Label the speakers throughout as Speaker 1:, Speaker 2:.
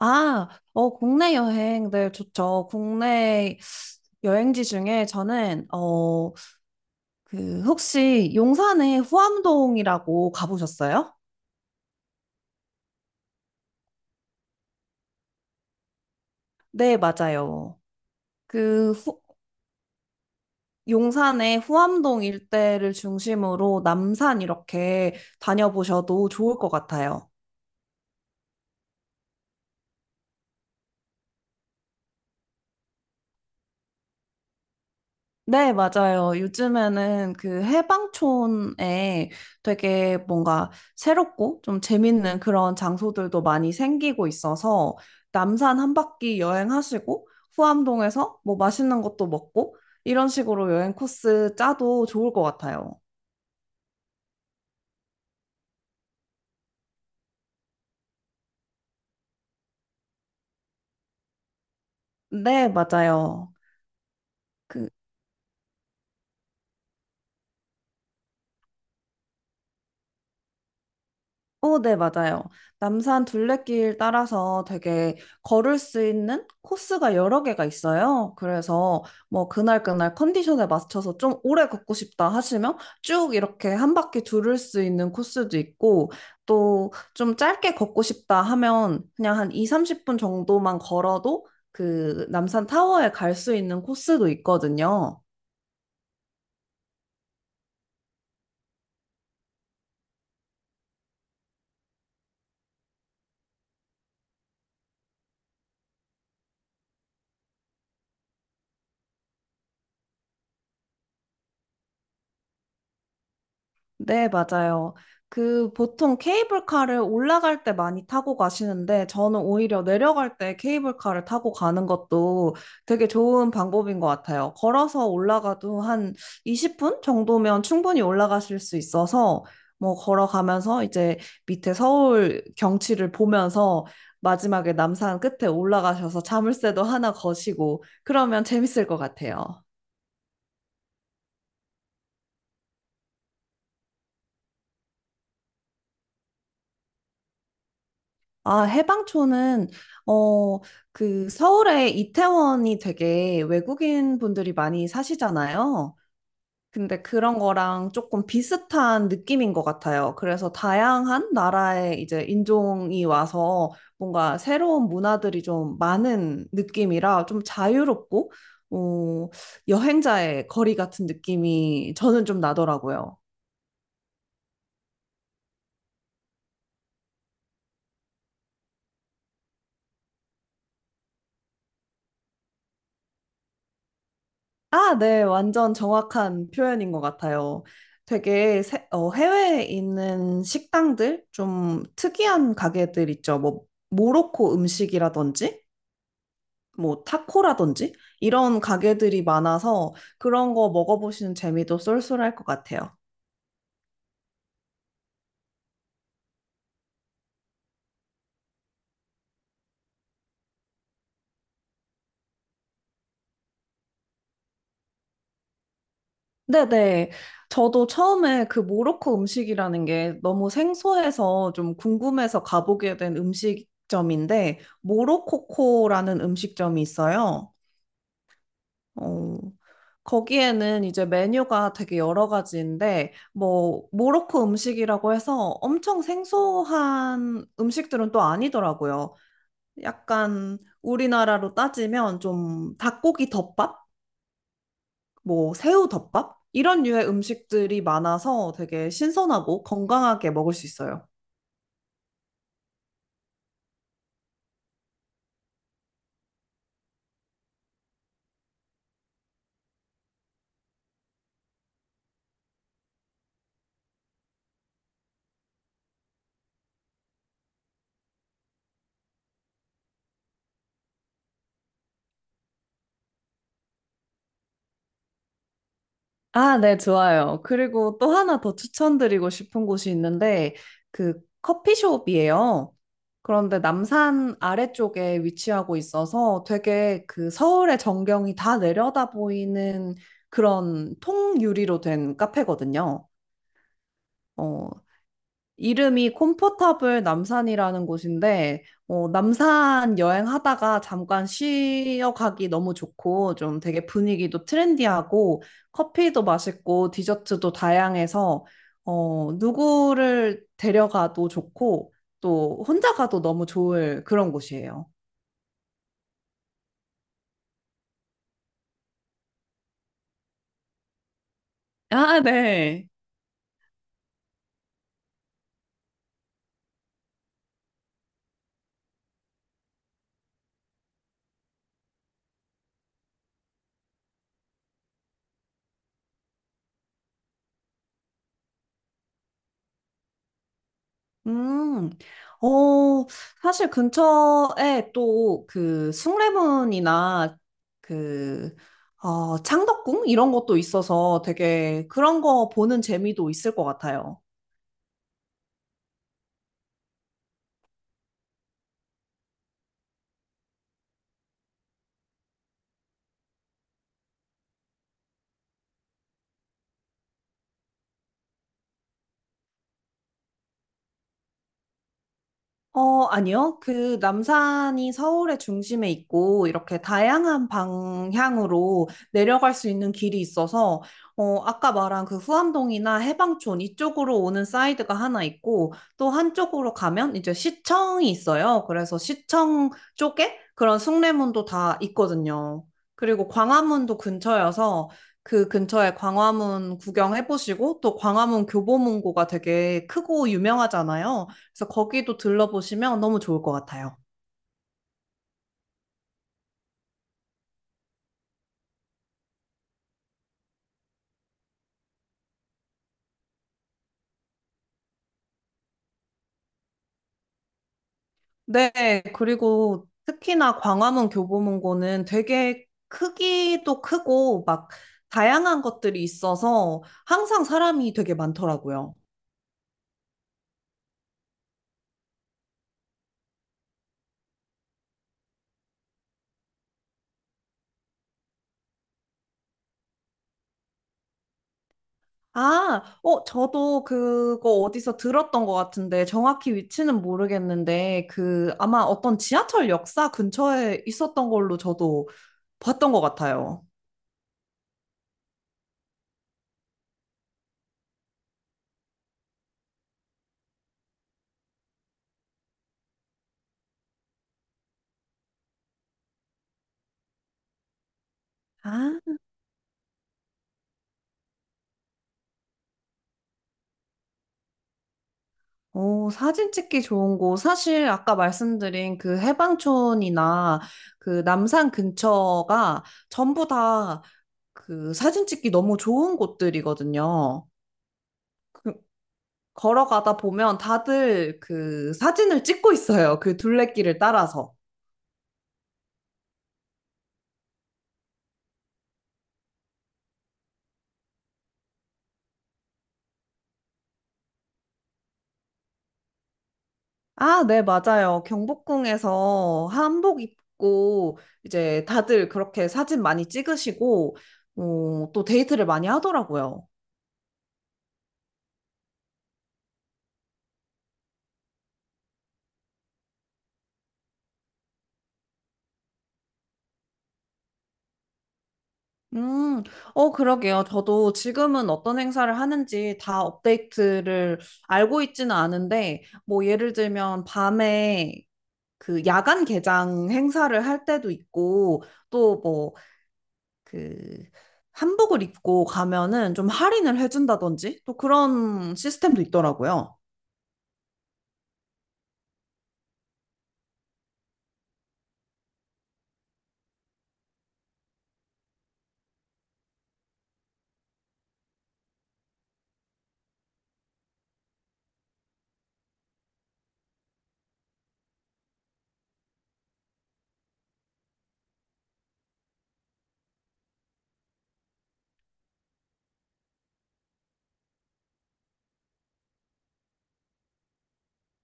Speaker 1: 아, 국내 여행, 네, 좋죠. 국내 여행지 중에 저는, 혹시 용산에 후암동이라고 가보셨어요? 네, 맞아요. 그, 후, 용산의 후암동 일대를 중심으로 남산 이렇게 다녀보셔도 좋을 것 같아요. 네, 맞아요. 요즘에는 그 해방촌에 되게 뭔가 새롭고 좀 재밌는 그런 장소들도 많이 생기고 있어서 남산 한 바퀴 여행하시고 후암동에서 뭐 맛있는 것도 먹고 이런 식으로 여행 코스 짜도 좋을 것 같아요. 네, 맞아요. 그 네, 맞아요. 남산 둘레길 따라서 되게 걸을 수 있는 코스가 여러 개가 있어요. 그래서 뭐 그날 그날 컨디션에 맞춰서 좀 오래 걷고 싶다 하시면 쭉 이렇게 한 바퀴 두를 수 있는 코스도 있고 또 좀 짧게 걷고 싶다 하면 그냥 한 2, 30분 정도만 걸어도 그 남산 타워에 갈 수 있는 코스도 있거든요. 네, 맞아요. 그 보통 케이블카를 올라갈 때 많이 타고 가시는데 저는 오히려 내려갈 때 케이블카를 타고 가는 것도 되게 좋은 방법인 것 같아요. 걸어서 올라가도 한 20분 정도면 충분히 올라가실 수 있어서 뭐 걸어가면서 이제 밑에 서울 경치를 보면서 마지막에 남산 끝에 올라가셔서 자물쇠도 하나 거시고 그러면 재밌을 것 같아요. 해방촌은, 어, 서울의 이태원이 되게 외국인 분들이 많이 사시잖아요. 근데 그런 거랑 조금 비슷한 느낌인 것 같아요. 그래서 다양한 나라의 이제 인종이 와서 뭔가 새로운 문화들이 좀 많은 느낌이라 좀 자유롭고, 어, 여행자의 거리 같은 느낌이 저는 좀 나더라고요. 아, 네, 완전 정확한 표현인 것 같아요. 되게 해외에 있는 식당들, 좀 특이한 가게들 있죠. 뭐, 모로코 음식이라든지, 뭐, 타코라든지, 이런 가게들이 많아서 그런 거 먹어보시는 재미도 쏠쏠할 것 같아요. 네네. 저도 처음에 그 모로코 음식이라는 게 너무 생소해서 좀 궁금해서 가보게 된 음식점인데, 모로코코라는 음식점이 있어요. 어, 거기에는 이제 메뉴가 되게 여러 가지인데, 뭐, 모로코 음식이라고 해서 엄청 생소한 음식들은 또 아니더라고요. 약간 우리나라로 따지면 좀 닭고기 덮밥? 뭐, 새우 덮밥? 이런 류의 음식들이 많아서 되게 신선하고 건강하게 먹을 수 있어요. 아, 네, 좋아요. 그리고 또 하나 더 추천드리고 싶은 곳이 있는데, 그 커피숍이에요. 그런데 남산 아래쪽에 위치하고 있어서 되게 그 서울의 전경이 다 내려다 보이는 그런 통유리로 된 카페거든요. 어, 이름이 콤포타블 남산이라는 곳인데, 남산 여행하다가 잠깐 쉬어 가기 너무 좋고, 좀 되게 분위기도 트렌디하고, 커피도 맛있고, 디저트도 다양해서, 누구를 데려가도 좋고, 또 혼자 가도 너무 좋을 그런 곳이에요. 아, 네. 음, 어, 사실 근처에 또 그 숭례문이나 그, 창덕궁? 이런 것도 있어서 되게 그런 거 보는 재미도 있을 것 같아요. 어, 아니요. 그 남산이 서울의 중심에 있고 이렇게 다양한 방향으로 내려갈 수 있는 길이 있어서 아까 말한 그 후암동이나 해방촌 이쪽으로 오는 사이드가 하나 있고 또 한쪽으로 가면 이제 시청이 있어요. 그래서 시청 쪽에 그런 숭례문도 다 있거든요. 그리고 광화문도 근처여서 그 근처에 광화문 구경해 보시고 또 광화문 교보문고가 되게 크고 유명하잖아요. 그래서 거기도 들러보시면 너무 좋을 것 같아요. 네, 그리고 특히나 광화문 교보문고는 되게 크기도 크고 막 다양한 것들이 있어서 항상 사람이 되게 많더라고요. 저도 그거 어디서 들었던 것 같은데 정확히 위치는 모르겠는데 그 아마 어떤 지하철 역사 근처에 있었던 걸로 저도 봤던 것 같아요. 아. 오, 사진 찍기 좋은 곳. 사실 아까 말씀드린 그 해방촌이나 그 남산 근처가 전부 다 그 사진 찍기 너무 좋은 곳들이거든요. 그 걸어가다 보면 다들 그 사진을 찍고 있어요. 그 둘레길을 따라서. 아, 네, 맞아요. 경복궁에서 한복 입고 이제 다들 그렇게 사진 많이 찍으시고, 또 데이트를 많이 하더라고요. 음, 그러게요. 저도 지금은 어떤 행사를 하는지 다 업데이트를 알고 있지는 않은데, 뭐, 예를 들면, 밤에 그 야간 개장 행사를 할 때도 있고, 또 뭐, 그, 한복을 입고 가면은 좀 할인을 해준다든지, 또 그런 시스템도 있더라고요.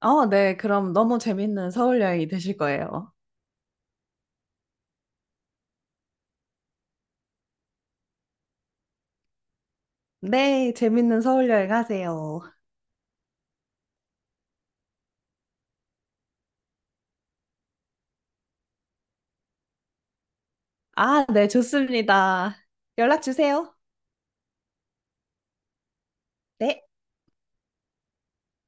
Speaker 1: 어, 네. 그럼 너무 재밌는 서울 여행이 되실 거예요. 네, 재밌는 서울 여행 하세요. 아, 네, 좋습니다. 연락 주세요. 네.